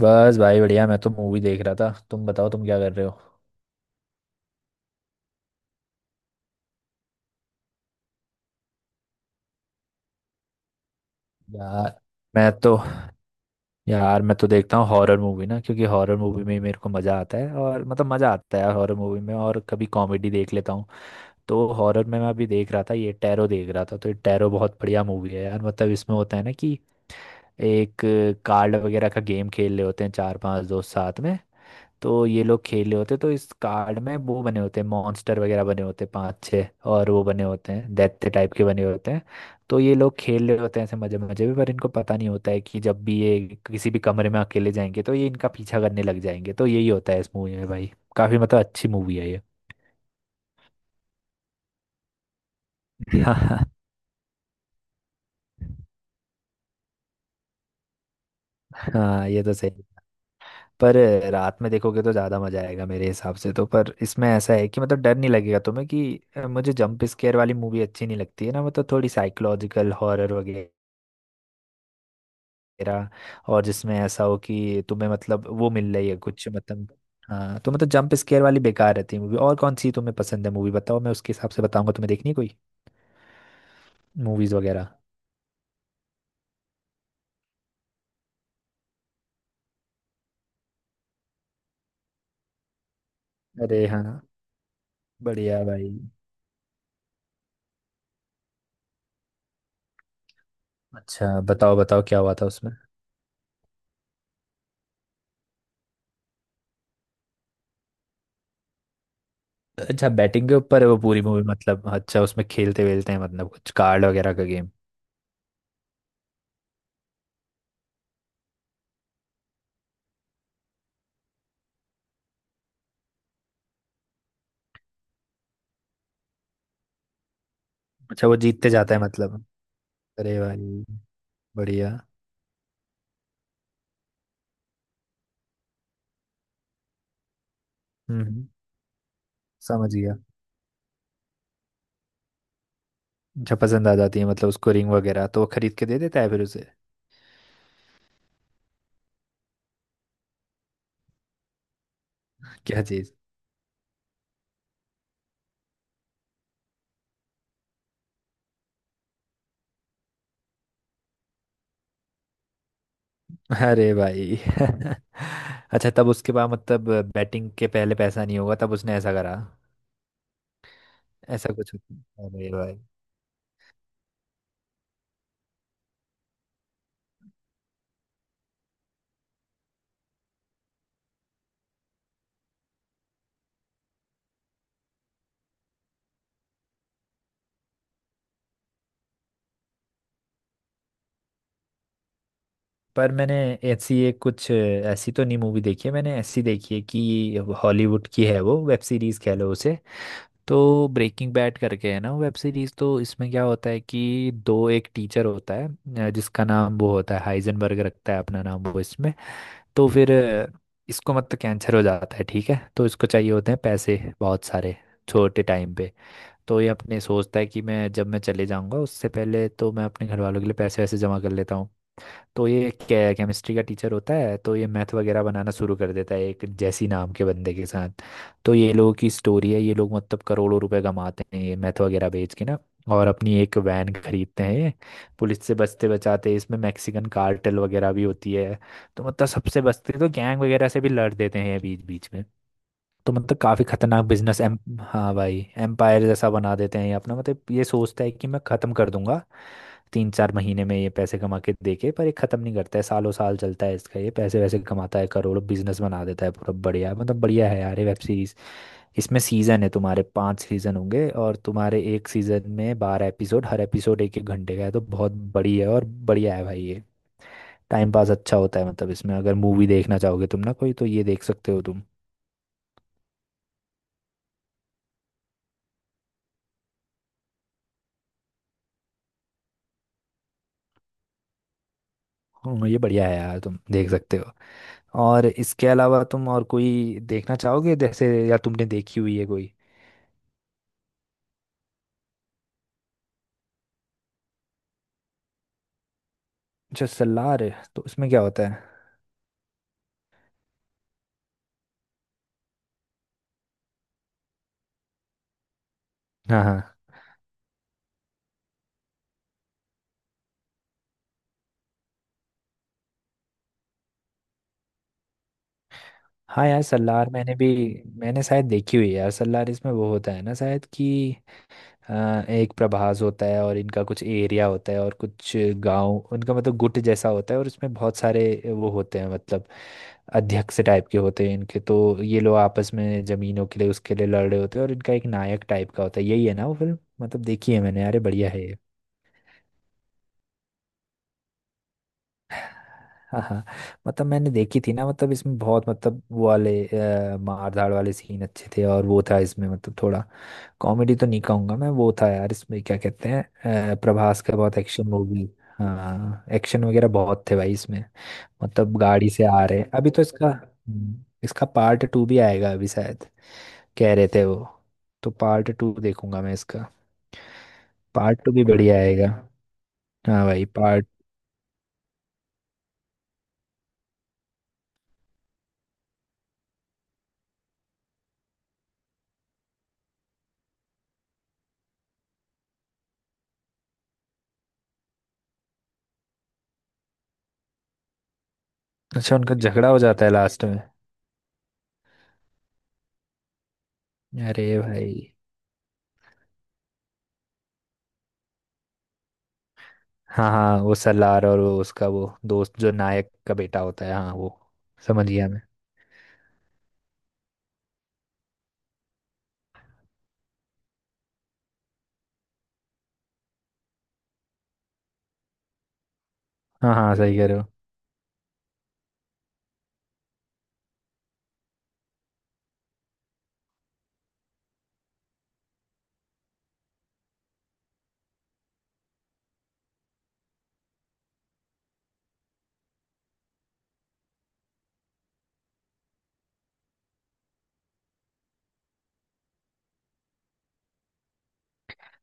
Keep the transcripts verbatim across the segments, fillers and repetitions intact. बस भाई बढ़िया। मैं तो मूवी देख रहा था। तुम बताओ तुम क्या कर रहे हो। यार मैं तो यार मैं तो देखता हूँ हॉरर मूवी ना, क्योंकि हॉरर मूवी में ही मेरे को मज़ा आता है, और मतलब मज़ा आता है हॉरर मूवी में, और कभी कॉमेडी देख लेता हूँ। तो हॉरर में मैं अभी देख रहा था, ये टैरो देख रहा था। तो ये टैरो बहुत बढ़िया मूवी है यार। मतलब इसमें होता है ना कि एक कार्ड वगैरह का गेम खेल रहे होते हैं, चार पांच दोस्त साथ में। तो ये लोग खेल रहे होते हैं, तो इस कार्ड में वो बने होते हैं, मॉन्स्टर वगैरह बने होते हैं, पांच छः। और वो बने होते हैं दैत्य टाइप के बने होते हैं। तो ये लोग खेल रहे होते हैं ऐसे मजे मजे में, पर इनको पता नहीं होता है कि जब भी ये किसी भी कमरे में अकेले जाएंगे तो ये इनका पीछा करने लग जाएंगे। तो यही होता है इस मूवी में भाई। काफी मतलब अच्छी मूवी है ये। हाँ, ये तो सही। पर रात में देखोगे तो ज़्यादा मज़ा आएगा मेरे हिसाब से। तो पर इसमें ऐसा है कि मतलब डर नहीं लगेगा तुम्हें कि अ, मुझे जंप स्केयर वाली मूवी अच्छी नहीं लगती है ना, मतलब थोड़ी साइकोलॉजिकल हॉरर वगैरह। और जिसमें ऐसा हो कि तुम्हें मतलब वो मिल रही है कुछ मतलब। हाँ, तो मतलब जंप स्केयर वाली बेकार रहती है मूवी। और कौन सी तुम्हें पसंद है मूवी बताओ, मैं उसके हिसाब से बताऊंगा तुम्हें देखनी है कोई मूवीज़ वगैरह। अरे हाँ। बढ़िया भाई। अच्छा बताओ बताओ, क्या हुआ था उसमें। अच्छा बैटिंग के ऊपर है वो पूरी मूवी, मतलब अच्छा उसमें खेलते वेलते हैं मतलब, कुछ कार्ड वगैरह का गेम। अच्छा वो जीतते जाता है मतलब। अरे भाई। बढ़िया। हम्म हम्म, समझ गया। अच्छा पसंद आ जाती है मतलब उसको रिंग वगैरह, तो वो खरीद के दे देता है फिर उसे। क्या चीज। अरे भाई अच्छा तब उसके बाद मतलब बैटिंग के पहले पैसा नहीं होगा तब उसने ऐसा करा। ऐसा कुछ होता है। अरे भाई। पर मैंने ऐसी एक कुछ ऐसी तो नहीं मूवी देखी है, मैंने ऐसी देखी है कि हॉलीवुड की है वो, वेब सीरीज कह लो उसे। तो ब्रेकिंग बैड करके है ना वेब सीरीज। तो इसमें क्या होता है कि दो एक टीचर होता है, अ, जिसका नाम वो होता है हाइजनबर्ग, रखता है अपना नाम वो इसमें। तो फिर अ, इसको मतलब कैंसर हो जाता है ठीक है, तो इसको चाहिए होते हैं पैसे बहुत सारे, छोटे टाइम पे। तो ये अपने सोचता है कि मैं जब मैं चले जाऊंगा उससे पहले तो मैं अपने घर वालों के लिए पैसे वैसे जमा कर लेता हूँ। तो ये केमिस्ट्री का टीचर होता है, तो ये मैथ वगैरह बनाना शुरू कर देता है एक जैसी नाम के बंदे के साथ। तो ये लोगों की स्टोरी है, ये लोग मतलब करोड़ों रुपए कमाते हैं ये मैथ वगैरह बेच के ना। और अपनी एक वैन खरीदते हैं ये, पुलिस से बचते बचाते। इसमें मैक्सिकन कार्टेल वगैरह भी होती है। तो मतलब सबसे बचते तो गैंग वगैरह से भी लड़ देते हैं ये बीच बीच में। तो मतलब काफी खतरनाक बिजनेस एम। हाँ भाई, एम्पायर जैसा बना देते हैं ये अपना। मतलब ये सोचता है कि मैं खत्म कर दूंगा तीन चार महीने में ये पैसे कमा के देके, पर ये खत्म नहीं करता है, सालों साल चलता है इसका, ये पैसे वैसे कमाता है करोड़ों, बिजनेस बना देता है पूरा। बढ़िया मतलब बढ़िया है यार ये वेब सीरीज। इसमें सीजन है तुम्हारे पांच सीजन होंगे और तुम्हारे एक सीजन में बारह एपिसोड, हर एपिसोड एक एक घंटे का है, तो बहुत बड़ी है और बढ़िया है भाई ये। टाइम पास अच्छा होता है, मतलब इसमें अगर मूवी देखना चाहोगे तुम ना कोई तो ये देख सकते हो तुम। हाँ, ये बढ़िया है यार तुम देख सकते हो। और इसके अलावा तुम और कोई देखना चाहोगे, जैसे या तुमने देखी हुई है कोई। अच्छा सलार। तो उसमें क्या होता है। हाँ हाँ हाँ, यार सलार मैंने भी, मैंने शायद देखी हुई है यार सलार। इसमें वो होता है ना शायद कि अ, एक प्रभास होता है, और इनका कुछ एरिया होता है, और कुछ गांव उनका मतलब गुट जैसा होता है। और इसमें बहुत सारे वो होते हैं मतलब अध्यक्ष टाइप के होते हैं इनके, तो ये लोग आपस में जमीनों के लिए उसके लिए लड़ रहे होते हैं, और इनका एक नायक टाइप का होता है। यही है ना वो फिल्म मतलब, देखी है मैंने, अरे बढ़िया है। हाँ हाँ। मतलब मैंने देखी थी ना, मतलब इसमें बहुत मतलब वो वाले अ, मार धाड़ वाले सीन अच्छे थे। और वो था इसमें मतलब थोड़ा कॉमेडी तो नहीं कहूंगा मैं, वो था यार इसमें क्या कहते हैं अ, प्रभास का बहुत एक्शन मूवी। हाँ एक्शन वगैरह बहुत थे भाई इसमें। मतलब गाड़ी से आ रहे अभी तो इसका हम्म, इसका पार्ट टू भी आएगा अभी शायद, कह रहे थे वो। तो पार्ट टू देखूंगा मैं इसका। पार्ट टू भी बढ़िया आएगा। हाँ भाई पार्ट। अच्छा उनका झगड़ा हो जाता है लास्ट में। अरे भाई। हाँ हाँ, वो सलार और वो उसका वो दोस्त, जो नायक का बेटा होता है, हाँ वो। समझ गया मैं। हाँ हाँ सही कह रहे हो।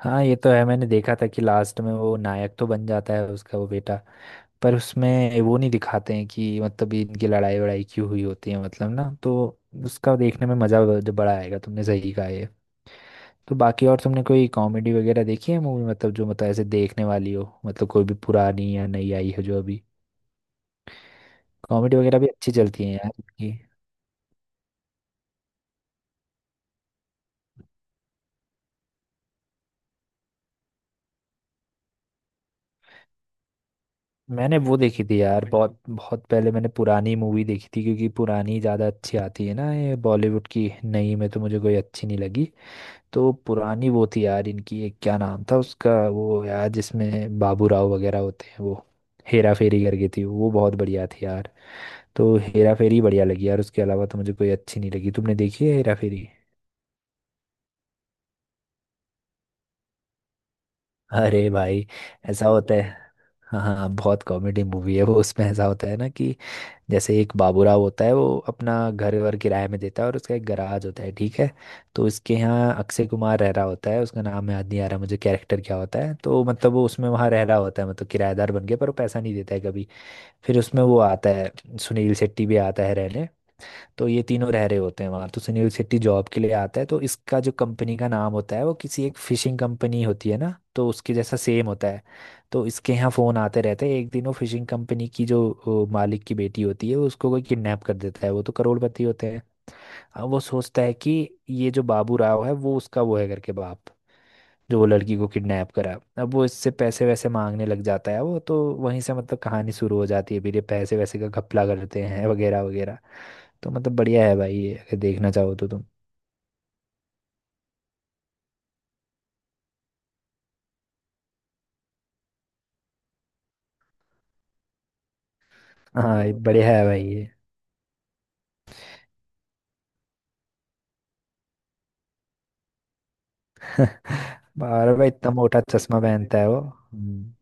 हाँ ये तो है, मैंने देखा था कि लास्ट में वो नायक तो बन जाता है उसका वो बेटा। पर उसमें वो नहीं दिखाते हैं कि मतलब ये इनकी लड़ाई वड़ाई क्यों हुई होती है मतलब ना, तो उसका देखने में मज़ा ब- जो बड़ा आएगा, तुमने सही कहा ये। तो बाकी और तुमने कोई कॉमेडी वगैरह देखी है मूवी मतलब, जो मतलब ऐसे देखने वाली हो मतलब, कोई भी पुरानी या नई आई है जो अभी कॉमेडी वगैरह भी अच्छी चलती है यार। मैंने वो देखी थी यार कोई बहुत बहुत पहले, मैंने पुरानी मूवी देखी थी, क्योंकि पुरानी ज़्यादा अच्छी आती है ना, ये बॉलीवुड की नई में तो मुझे कोई अच्छी नहीं लगी। तो पुरानी वो थी यार इनकी एक, क्या नाम था उसका वो यार जिसमें बाबू राव वगैरह होते हैं वो, हेरा फेरी करके थी वो, बहुत बढ़िया थी यार। तो हेरा फेरी बढ़िया लगी यार, उसके अलावा तो मुझे कोई अच्छी नहीं लगी। तुमने देखी है हेरा फेरी। अरे भाई ऐसा बहुत होता है कॉमेडी। हाँ हाँ बहुत कॉमेडी मूवी है वो। उसमें ऐसा होता है ना कि जैसे एक बाबूराव होता है, वो अपना घर वर किराए में देता है, और उसका एक गराज होता है ठीक है। तो इसके यहाँ अक्षय कुमार रह रहा होता है, उसका नाम याद नहीं आ रहा मुझे कैरेक्टर क्या होता है। तो मतलब वो उसमें वहाँ रह रहा होता है, मतलब किराएदार बन गया, पर वो पैसा नहीं देता है कभी। फिर उसमें वो आता है सुनील शेट्टी भी आता है रहने। तो ये तीनों रह रहे होते हैं वहाँ। तो सुनील शेट्टी जॉब के लिए आता है, तो इसका जो कंपनी का नाम होता है वो किसी एक फिशिंग कंपनी होती है ना, तो उसके जैसा सेम होता है। तो इसके यहाँ फ़ोन आते रहते हैं, एक दिन वो फिशिंग कंपनी की जो वो मालिक की बेटी होती है वो उसको कोई किडनैप कर देता है, वो तो करोड़पति होते हैं। अब वो सोचता है कि ये जो बाबू राव है वो उसका वो है करके बाप, जो वो लड़की को किडनैप करा। अब वो इससे पैसे वैसे मांगने लग जाता है वो, तो वहीं से मतलब कहानी शुरू हो जाती है, फिर ये पैसे वैसे का घपला करते हैं वगैरह वगैरह। तो मतलब बढ़िया है भाई ये अगर देखना चाहो तो तुम। हाँ ये हाँ बढ़िया है भाई ये और भाई इतना मोटा चश्मा पहनता है वो, देखूंगा हम्म।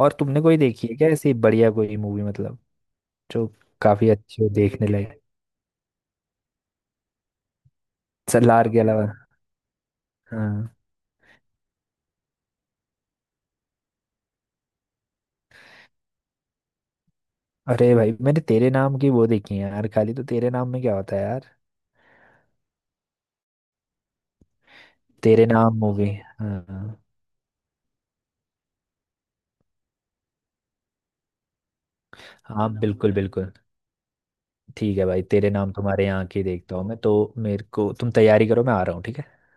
और तुमने कोई देखी है क्या ऐसी बढ़िया कोई मूवी मतलब, जो काफी अच्छी हो देखने लायक, सलार के अलावा। हाँ। अरे भाई मैंने तेरे नाम की वो देखी है यार खाली, तो तेरे नाम में क्या होता है यार। तेरे नाम मूवी। हाँ हाँ बिल्कुल बिल्कुल। ठीक है भाई, तेरे नाम तुम्हारे यहाँ की देखता हूँ मैं तो। मेरे को तुम तैयारी करो मैं आ रहा हूँ ठीक है।